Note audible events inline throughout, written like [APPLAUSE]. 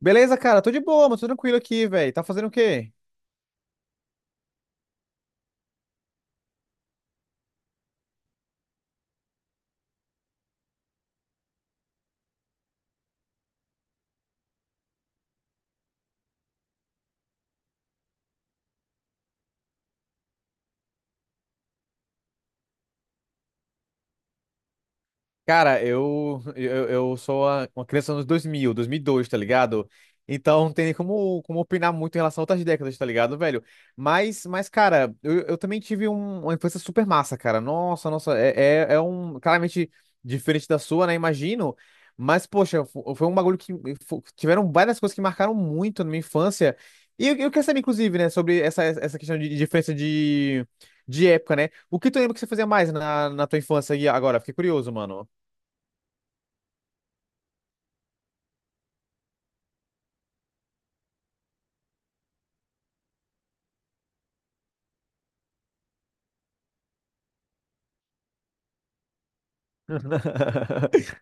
Beleza, cara? Tô de boa, mas tô tranquilo aqui, velho. Tá fazendo o quê? Cara, eu sou uma criança dos anos 2000, 2002, tá ligado? Então não tem nem como opinar muito em relação a outras décadas, tá ligado, velho? Mas cara, eu também tive uma infância super massa, cara. Nossa, nossa, é um. Claramente diferente da sua, né? Imagino. Mas, poxa, foi um bagulho que. Tiveram várias coisas que marcaram muito na minha infância. E eu quero saber, inclusive, né? Sobre essa questão de diferença de época, né? O que tu lembra que você fazia mais na tua infância e agora? Fiquei curioso, mano. [LAUGHS]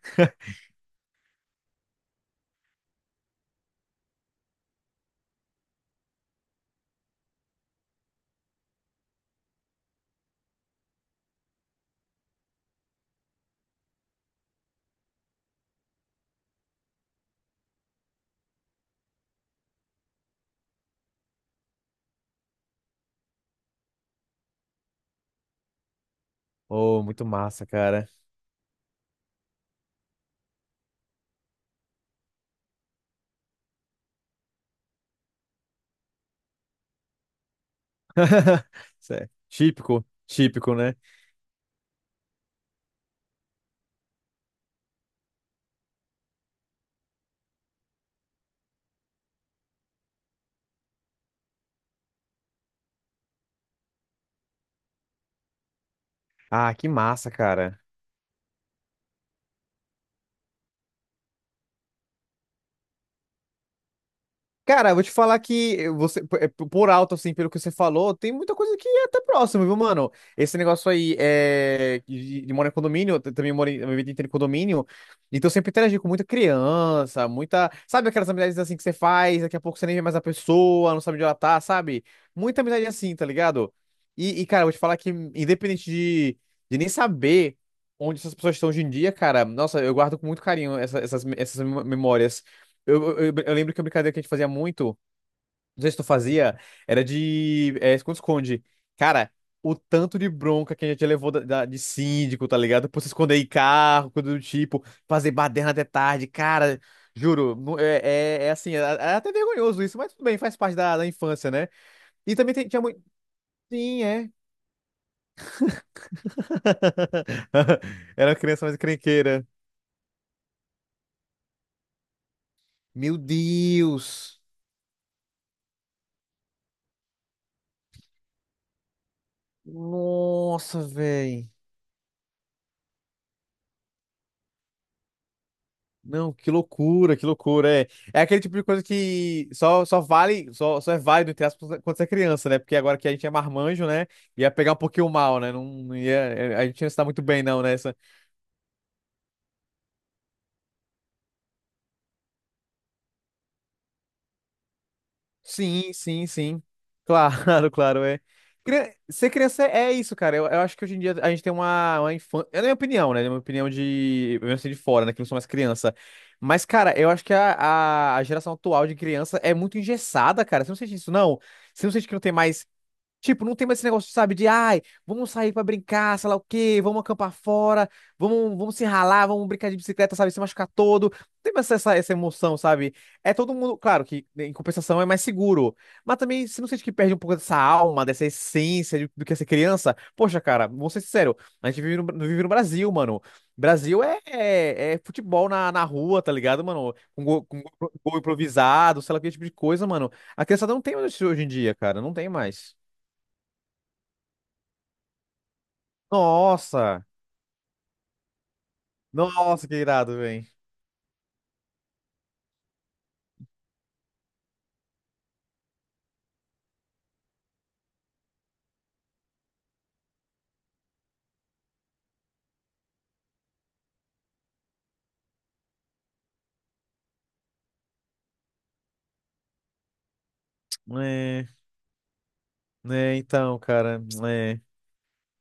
Oh, muito massa, cara. [LAUGHS] Isso é típico, típico, né? Ah, que massa, cara. Cara, eu vou te falar que você, é, por alto, assim, pelo que você falou, tem muita coisa que é até próximo, viu, mano? Esse negócio aí é, de morar em condomínio, eu também morei a minha vida inteira em condomínio, então eu sempre interagi com muita criança, muita. Sabe aquelas amizades assim que você faz, daqui a pouco você nem vê mais a pessoa, não sabe onde ela tá, sabe? Muita amizade assim, tá ligado? Cara, eu vou te falar que, independente de nem saber onde essas pessoas estão hoje em dia, cara, nossa, eu guardo com muito carinho essas memórias. Eu lembro que a brincadeira que a gente fazia muito, não sei se tu fazia, era de esconde-esconde. Cara, o tanto de bronca que a gente levou de síndico, tá ligado? Por se esconder em carro, coisa do tipo, fazer baderna até tarde, cara. Juro, é assim, é até vergonhoso isso, mas tudo bem, faz parte da infância, né? E também tinha muito. Sim, é. [LAUGHS] Era uma criança mais encrenqueira. Meu Deus! Nossa, velho. Não, que loucura, que loucura. É aquele tipo de coisa que só vale, só é válido, entre aspas, quando você é criança, né? Porque agora que a gente é marmanjo, né? Ia pegar um pouquinho mal, né? Não, não ia, é, a gente não está muito bem, não, nessa. Sim, sim, sim. Claro, [LAUGHS] claro, é. Ser criança é isso, cara. Eu acho que hoje em dia a gente tem uma infância. É a minha opinião, né? É a minha opinião de. Eu venho assim de fora, né? Que eu não sou mais criança. Mas, cara, eu acho que a geração atual de criança é muito engessada, cara. Você não sente isso, não? Você não sente que não tem mais. Tipo, não tem mais esse negócio, sabe, de ai, vamos sair pra brincar, sei lá o quê, vamos acampar fora, vamos se ralar, vamos brincar de bicicleta, sabe, se machucar todo. Não tem mais essa emoção, sabe? É todo mundo, claro que né, em compensação é mais seguro, mas também você não sente que perde um pouco dessa alma, dessa essência de- do que é ser criança? Poxa, cara, vamos ser sincero, a gente vive no Brasil, mano. Brasil é futebol na rua, tá ligado, mano? Com gol improvisado, sei lá que tipo de coisa, mano. A criançada não tem mais isso hoje em dia, cara, não tem mais. Nossa! Nossa, que irado, velho. É, né, então, cara. É.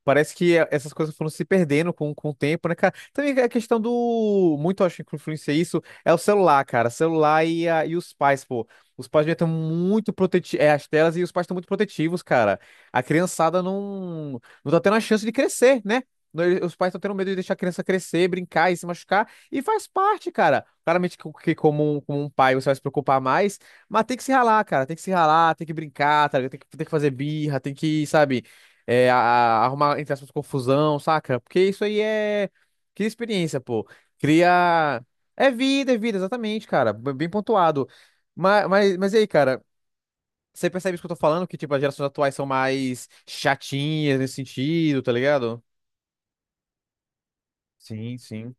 Parece que essas coisas foram se perdendo com o tempo, né, cara? Também é a questão do. Muito eu acho que influencia isso. É o celular, cara. Celular e os pais, pô. Os pais já estão muito protetivos. É, as telas e os pais estão muito protetivos, cara. A criançada não. Não tá tendo a chance de crescer, né? No- ele- Os pais estão tendo medo de deixar a criança crescer, brincar e se machucar. E faz parte, cara. Claramente que como um pai você vai se preocupar mais. Mas tem que se ralar, cara. Tem que se ralar, tem que brincar, tá ligado? Tem que fazer birra, sabe? Arrumar, entre aspas, confusão, saca? Porque isso aí é. Cria experiência, pô. Cria. É vida, exatamente, cara. Bem pontuado. Mas e aí, cara? Você percebe isso que eu tô falando? Que, tipo, as gerações atuais são mais chatinhas nesse sentido, tá ligado? Sim, sim.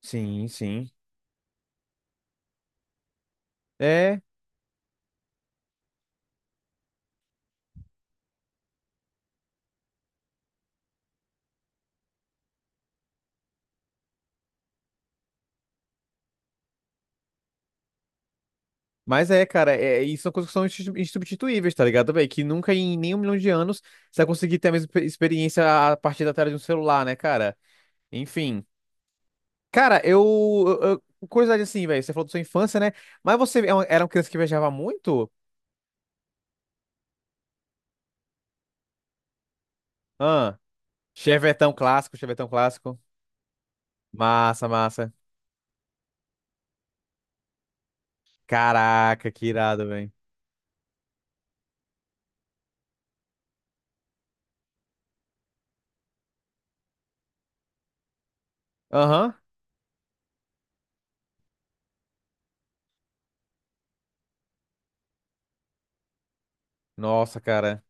Sim, sim. É. Mas é, cara, é, e são coisas que são insubstituíveis, tá ligado, velho? Que nunca em nenhum milhão de anos você vai conseguir ter a mesma experiência a partir da tela de um celular, né, cara? Enfim. Cara, curiosidade assim, velho. Você falou da sua infância, né? Mas você é era uma criança que viajava muito? Ah, Chevetão clássico, Chevetão clássico. Massa, massa. Caraca, que irado, velho. Aham. Nossa, cara.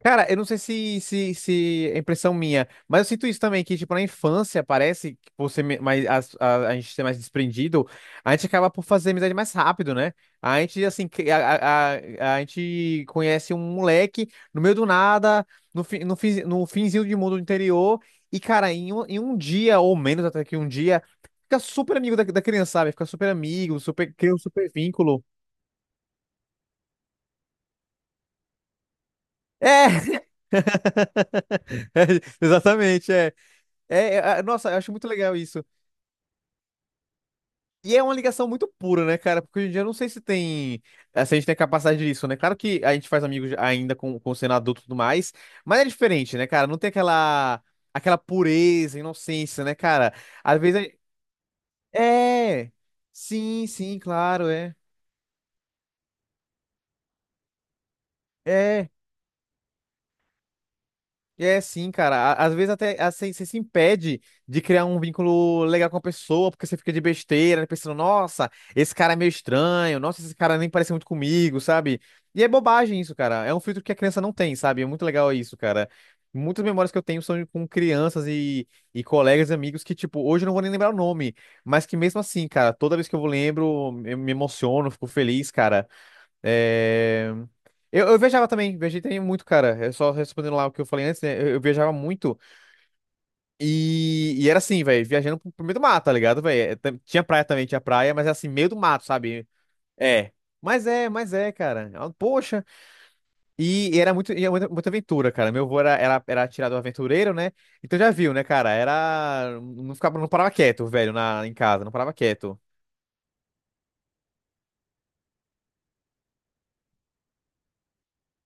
Cara, eu não sei se, se, se é impressão minha, mas eu sinto isso também, que, tipo, na infância, parece que por ser mais, a gente ser mais desprendido, a gente acaba por fazer amizade mais rápido, né? A gente, assim, a, a gente conhece um moleque no meio do nada, no finzinho de mundo do interior, e, cara, em um dia, ou menos até que um dia, fica super amigo da criança, sabe? Fica super amigo, super, cria um super vínculo. É! [LAUGHS] Exatamente, é. Nossa, eu acho muito legal isso. E é uma ligação muito pura, né, cara? Porque hoje em dia eu não sei se tem. Se a gente tem a capacidade disso, né? Claro que a gente faz amigos ainda com sendo adulto e tudo mais, mas é diferente, né, cara? Não tem aquela. Aquela pureza, inocência, né, cara? Às vezes. É. Sim, sim, claro, é. É. É sim, cara. Às vezes até assim, você se impede de criar um vínculo legal com a pessoa, porque você fica de besteira, né, pensando, nossa, esse cara é meio estranho, nossa, esse cara nem parece muito comigo, sabe? E é bobagem isso, cara. É um filtro que a criança não tem, sabe? É muito legal isso, cara. Muitas memórias que eu tenho são com crianças e colegas e amigos que, tipo, hoje eu não vou nem lembrar o nome, mas que mesmo assim, cara, toda vez que eu lembro, eu me emociono, fico feliz, cara. É. Eu viajava também, viajei também muito, cara. É só respondendo lá o que eu falei antes, né? Eu viajava muito. E era assim, velho, viajando pro meio do mato, tá ligado, velho? É, tinha praia também, tinha praia, mas era assim, meio do mato, sabe? É. Mas é, cara. Ah, poxa. E era muita, muita aventura, cara. Meu avô era atirador aventureiro, né? Então já viu, né, cara? Era. Não ficava, não parava quieto, velho, na, em casa, não parava quieto.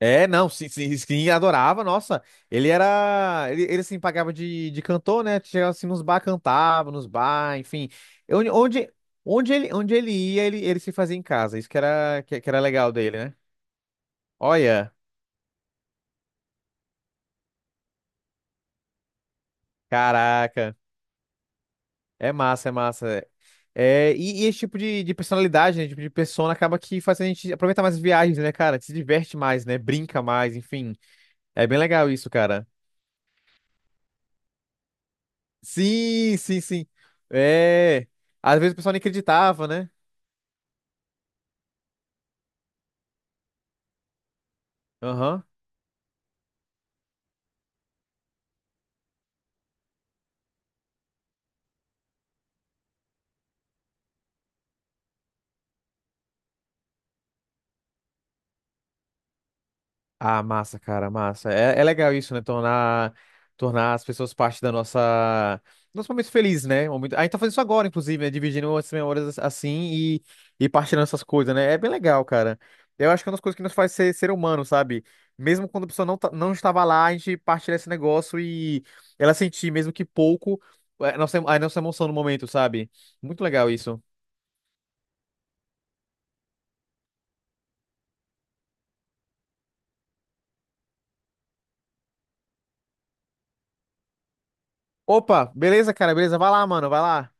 É, não, sim, sim, sim, adorava, nossa. Ele era. Ele assim, pagava de cantor, né? Chegava assim nos bar, cantava, nos bar, enfim. Onde, onde, onde ele ia, ele se fazia em casa. Isso que era, que era legal dele, né? Olha, caraca. É massa, é massa. É, e esse tipo de personalidade, né? Tipo de persona acaba que faz a gente aproveitar mais as viagens, né, cara? Se diverte mais, né? Brinca mais, enfim. É bem legal isso, cara. Sim, sim, sim. É. Às vezes o pessoal nem acreditava, né? Aham. Ah, massa, cara, massa. É, é legal isso, né? Tornar as pessoas parte da nossa. Nosso momento feliz, né? Um momento- A gente tá fazendo isso agora, inclusive, né? Dividindo essas memórias assim e partilhando essas coisas, né? É bem legal, cara. Eu acho que é uma das coisas que nos faz ser humano, sabe? Mesmo quando a pessoa não estava lá, a gente partilha esse negócio e ela sentir, mesmo que pouco, é, a nossa emoção no momento, sabe? Muito legal isso. Opa, beleza, cara, beleza? Vai lá, mano, vai lá.